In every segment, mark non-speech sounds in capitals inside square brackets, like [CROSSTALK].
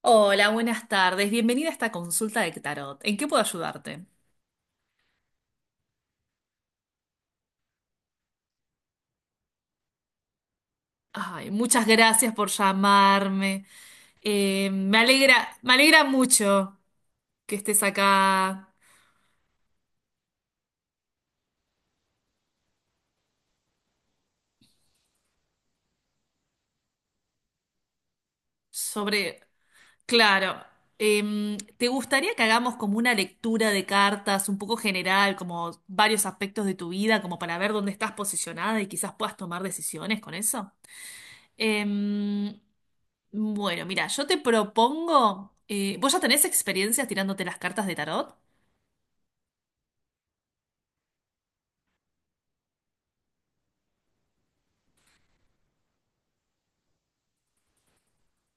Hola, buenas tardes. Bienvenida a esta consulta de tarot. ¿En qué puedo ayudarte? Ay, muchas gracias por llamarme. Me alegra mucho que estés acá. sobre... Claro. ¿Te gustaría que hagamos como una lectura de cartas un poco general, como varios aspectos de tu vida, como para ver dónde estás posicionada y quizás puedas tomar decisiones con eso? Em, bueno, mira, yo te propongo. ¿Vos ya tenés experiencias tirándote las cartas de tarot?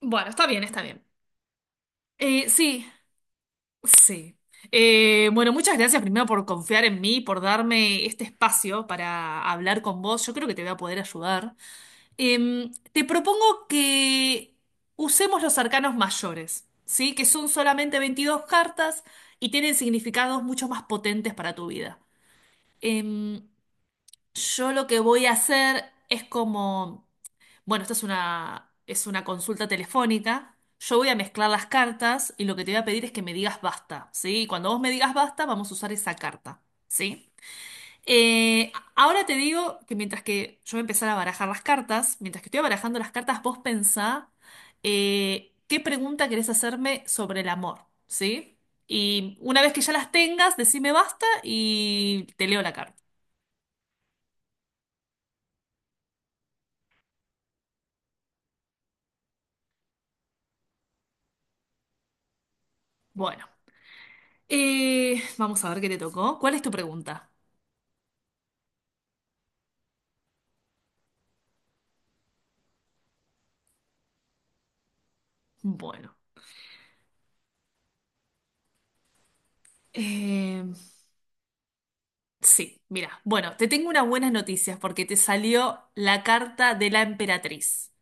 Bueno, está bien, está bien. Sí, sí. Bueno, muchas gracias primero por confiar en mí, por darme este espacio para hablar con vos. Yo creo que te voy a poder ayudar. Te propongo que usemos los arcanos mayores, ¿sí? Que son solamente 22 cartas y tienen significados mucho más potentes para tu vida. Em, Yo lo que voy a hacer es como, bueno, esta es una consulta telefónica. Yo voy a mezclar las cartas y lo que te voy a pedir es que me digas basta, ¿sí? Y cuando vos me digas basta, vamos a usar esa carta, ¿sí? Ahora te digo que mientras que yo voy a empezar a barajar las cartas, mientras que estoy barajando las cartas, vos pensá qué pregunta querés hacerme sobre el amor, ¿sí? Y una vez que ya las tengas, decime basta y te leo la carta. Bueno. Vamos a ver qué te tocó. ¿Cuál es tu pregunta? Bueno. eh, sí, mira. Bueno, te tengo unas buenas noticias porque te salió la carta de la emperatriz,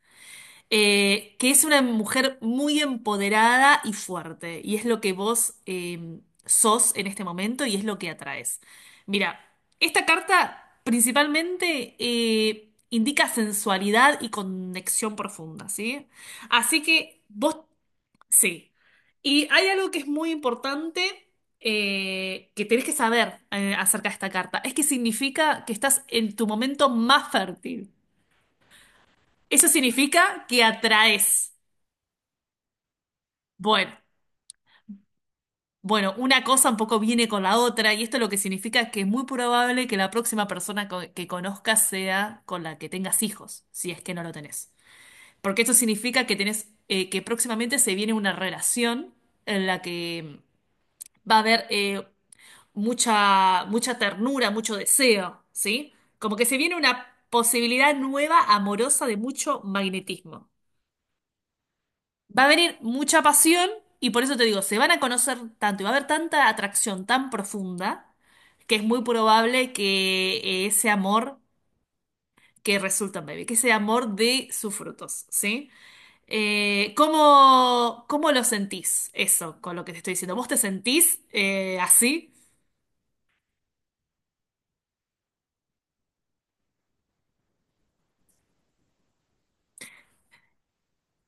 que es una mujer muy empoderada y fuerte, y es lo que vos sos en este momento y es lo que atraes. Mira, esta carta principalmente indica sensualidad y conexión profunda, ¿sí? Así que vos. Sí. Y hay algo que es muy importante que tenés que saber acerca de esta carta. Es que significa que estás en tu momento más fértil. Eso significa que atraes. Bueno, bueno, una cosa un poco viene con la otra y esto lo que significa es que es muy probable que la próxima persona que conozcas sea con la que tengas hijos, si es que no lo tenés. Porque esto significa que tenés, que próximamente se viene una relación en la que va a haber mucha, mucha ternura, mucho deseo, ¿sí? Como que se viene una posibilidad nueva, amorosa, de mucho magnetismo. Va a venir mucha pasión y por eso te digo, se van a conocer tanto y va a haber tanta atracción tan profunda que es muy probable que ese amor que resulta en bebé, que ese amor dé sus frutos, ¿sí? ¿Cómo lo sentís eso con lo que te estoy diciendo? ¿Vos te sentís así?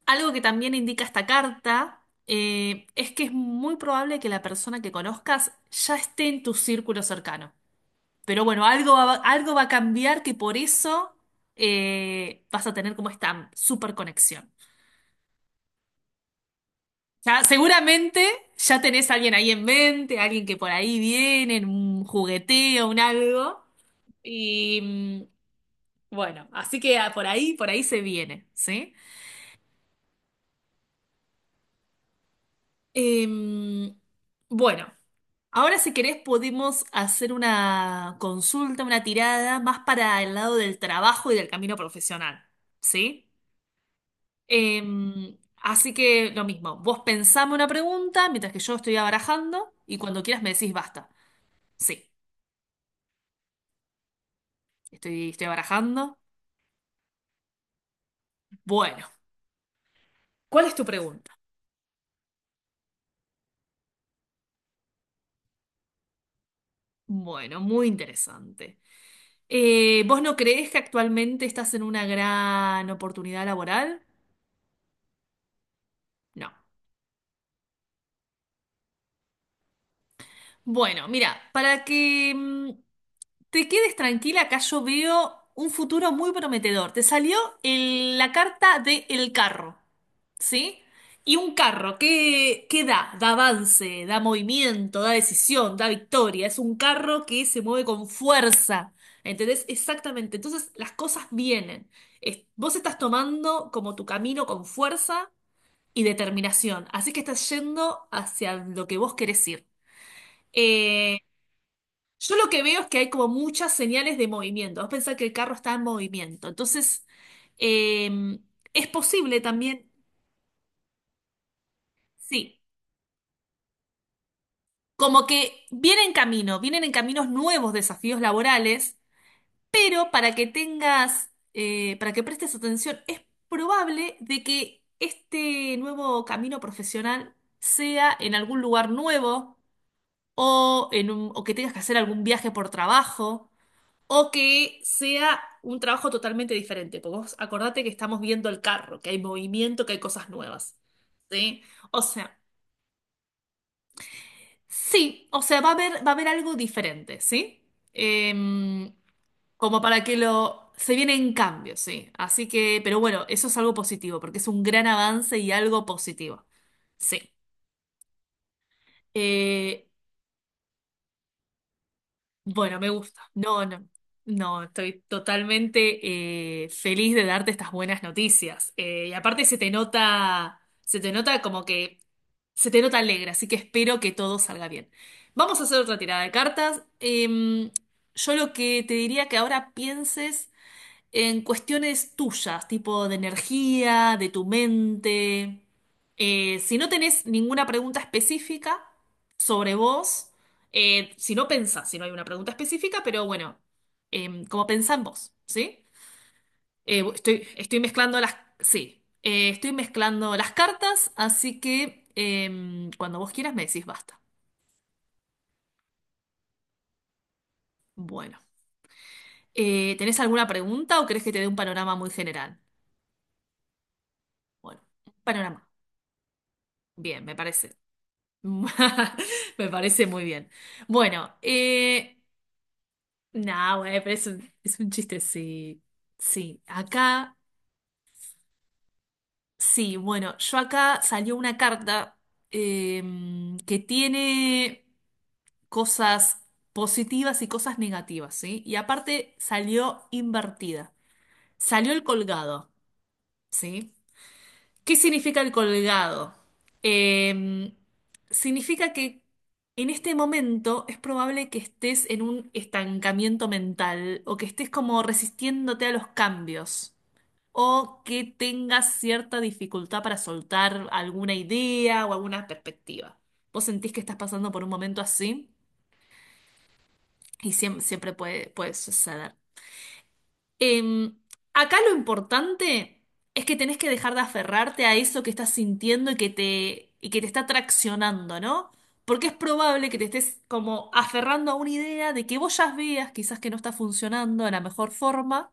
Algo que también indica esta carta es que es muy probable que la persona que conozcas ya esté en tu círculo cercano. Pero bueno, algo va a cambiar que por eso vas a tener como esta super conexión. Ya, seguramente ya tenés a alguien ahí en mente, alguien que por ahí viene, en un jugueteo, un algo. Y bueno, así que por ahí se viene, ¿sí? Em, bueno. Ahora, si querés, podemos hacer una consulta, una tirada más para el lado del trabajo y del camino profesional, ¿sí? Así que lo mismo, vos pensame una pregunta mientras que yo estoy abarajando y cuando quieras me decís basta. Sí, estoy abarajando. Bueno, ¿cuál es tu pregunta? Bueno, muy interesante. ¿Vos no creés que actualmente estás en una gran oportunidad laboral? No. Bueno, mira, para que te quedes tranquila, acá yo veo un futuro muy prometedor. Te salió la carta de el carro, ¿sí? Y un carro, ¿qué, qué da? Da avance, da movimiento, da decisión, da victoria. Es un carro que se mueve con fuerza. ¿Entendés? Exactamente. Entonces las cosas vienen. Vos estás tomando como tu camino con fuerza y determinación. Así que estás yendo hacia lo que vos querés ir. Eh, yo lo que veo es que hay como muchas señales de movimiento. Vos pensás que el carro está en movimiento. Entonces, eh, es posible también, sí, como que vienen en caminos nuevos desafíos laborales, para que prestes atención, es probable de que este nuevo camino profesional sea en algún lugar nuevo o, o que tengas que hacer algún viaje por trabajo, o que sea un trabajo totalmente diferente. Porque vos acordate que estamos viendo el carro, que hay movimiento, que hay cosas nuevas. ¿Sí? O sea, sí, o sea, va a haber algo diferente, ¿sí? Em, como para que lo... Se vienen cambios, sí. Así que, pero bueno, eso es algo positivo, porque es un gran avance y algo positivo. Sí. Eh, Bueno, me gusta. No, no, no, estoy totalmente feliz de darte estas buenas noticias. Y aparte se te nota como que se te nota alegre, así que espero que todo salga bien. Vamos a hacer otra tirada de cartas. Yo lo que te diría que ahora pienses en cuestiones tuyas, tipo de energía, de tu mente. Si no tenés ninguna pregunta específica sobre vos, si no hay una pregunta específica, pero bueno, como pensá en vos, ¿sí? Sí, estoy mezclando las cartas, así que cuando vos quieras me decís basta. Bueno. ¿Tenés alguna pregunta o querés que te dé un panorama muy general? Bueno, un panorama. Bien, me parece. [LAUGHS] Me parece muy bien. Bueno, nada, güey, pero es un chiste, sí. Sí, acá, sí, bueno, yo acá salió una carta eh, que tiene cosas positivas y cosas negativas, ¿sí? Y aparte salió invertida. Salió el colgado, ¿sí? ¿Qué significa el colgado? Eh, significa que en este momento es probable que estés en un estancamiento mental o que estés como resistiéndote a los cambios o que tengas cierta dificultad para soltar alguna idea o alguna perspectiva. ¿Vos sentís que estás pasando por un momento así? Siempre, puede suceder. Em, acá lo importante es que tenés que dejar de aferrarte a eso que estás sintiendo y que te está traccionando, ¿no? Porque es probable que te estés como aferrando a una idea de que vos ya veas quizás que no está funcionando de la mejor forma,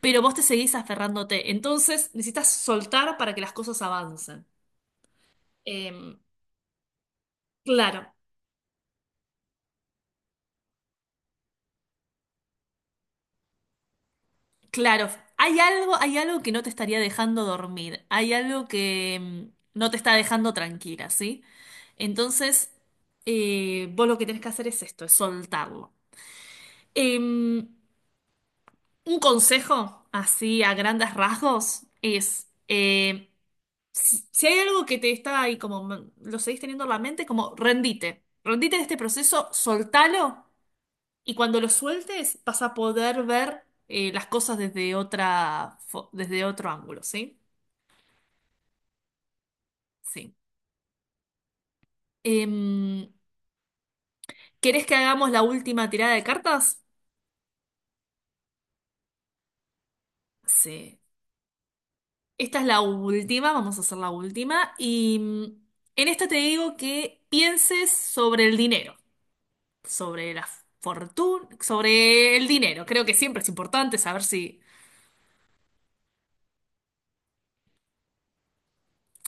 pero vos te seguís aferrándote. Entonces necesitas soltar para que las cosas avancen. Em, claro. Claro, hay algo que no te estaría dejando dormir, hay algo que no te está dejando tranquila, ¿sí? Entonces, vos lo que tenés que hacer es esto, es soltarlo. Em, un consejo, así a grandes rasgos, es si hay algo que te está ahí como lo seguís teniendo en la mente, como rendite, rendite de este proceso, soltalo y cuando lo sueltes, vas a poder ver las cosas desde otro ángulo, ¿sí? Sí. Em, ¿Querés que hagamos la última tirada de cartas? Sí. Esta es la última, vamos a hacer la última. Y en esta te digo que pienses sobre el dinero, sobre la fortuna, sobre el dinero. Creo que siempre es importante saber si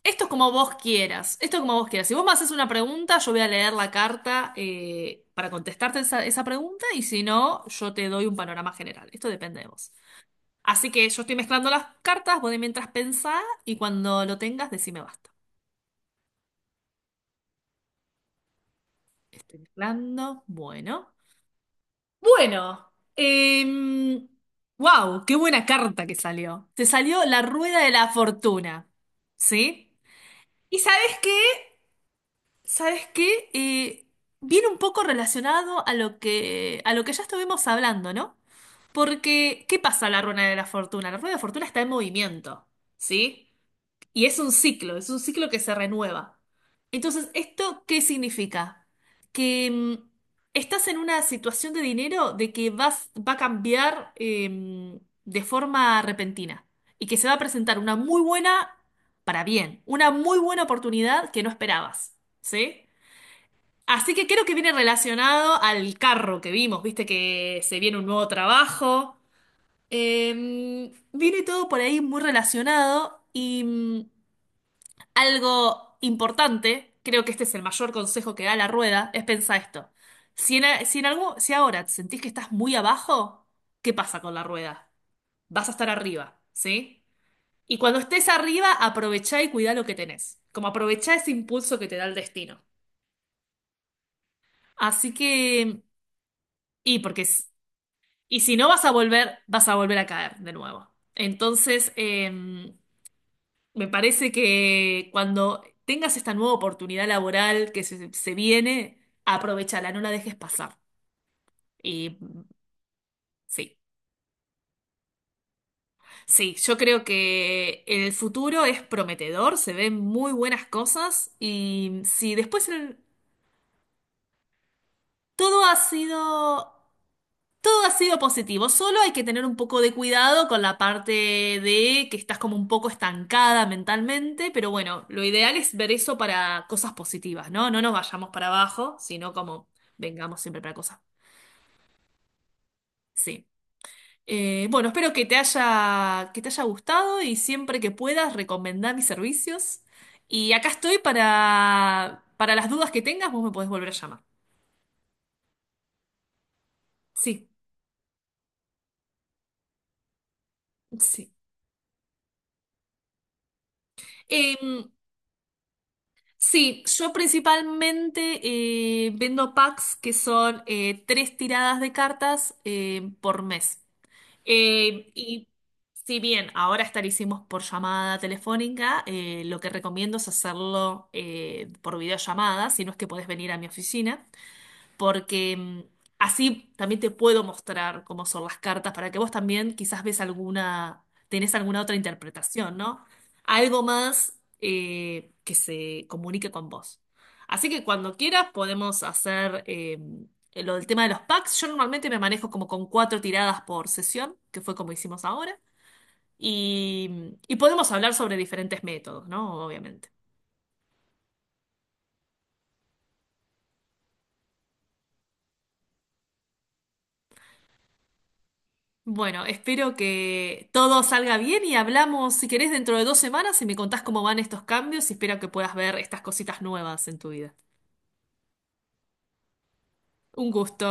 Esto es como vos quieras, esto es como vos quieras. Si vos me haces una pregunta, yo voy a leer la carta para contestarte esa pregunta y si no, yo te doy un panorama general. Esto depende de vos. Así que yo estoy mezclando las cartas, vos de mientras pensá y cuando lo tengas, decime basta. Estoy mezclando, bueno. Bueno, wow, qué buena carta que salió. Te salió la rueda de la fortuna, ¿sí? ¿Y sabes qué? ¿Sabes qué? Viene un poco relacionado a lo que ya estuvimos hablando, ¿no? Porque, ¿qué pasa en la rueda de la fortuna? La rueda de la fortuna está en movimiento, ¿sí? Y es un ciclo que se renueva. Entonces, ¿esto qué significa? Que estás en una situación de dinero de que va a cambiar de forma repentina y que se va a presentar una muy buena, para bien, una muy buena oportunidad que no esperabas, ¿sí? Así que creo que viene relacionado al carro que vimos, viste que se viene un nuevo trabajo. Viene todo por ahí muy relacionado y algo importante, creo que este es el mayor consejo que da la rueda, es pensar esto. Si en algo, si ahora te sentís que estás muy abajo, ¿qué pasa con la rueda? Vas a estar arriba, ¿sí? Y cuando estés arriba, aprovechá y cuidá lo que tenés. Como aprovechá ese impulso que te da el destino. Así que... Y porque Y si no vas a volver, a caer de nuevo. Entonces, me parece que cuando tengas esta nueva oportunidad laboral que se viene, aprovechala, no la dejes pasar. Y sí, sí, yo creo que el futuro es prometedor, se ven muy buenas cosas y si después todo ha sido todo ha sido positivo, solo hay que tener un poco de cuidado con la parte de que estás como un poco estancada mentalmente, pero bueno, lo ideal es ver eso para cosas positivas, ¿no? No nos vayamos para abajo, sino como vengamos siempre para cosas. Sí. Bueno, espero que te haya gustado y siempre que puedas recomendar mis servicios. Y acá estoy para las dudas que tengas, vos me podés volver a llamar. Sí, sí. Em, sí, yo principalmente vendo packs que son 3 tiradas de cartas por mes. Y si bien ahora estarísimos por llamada telefónica, lo que recomiendo es hacerlo por videollamada, si no es que podés venir a mi oficina porque así también te puedo mostrar cómo son las cartas para que vos también quizás ves alguna, tenés alguna otra interpretación, ¿no? Algo más que se comunique con vos. Así que cuando quieras podemos hacer lo del tema de los packs. Yo normalmente me manejo como con 4 tiradas por sesión, que fue como hicimos ahora. Y podemos hablar sobre diferentes métodos, ¿no? Obviamente. Bueno, espero que todo salga bien y hablamos, si querés, dentro de 2 semanas y me contás cómo van estos cambios y espero que puedas ver estas cositas nuevas en tu vida. Un gusto.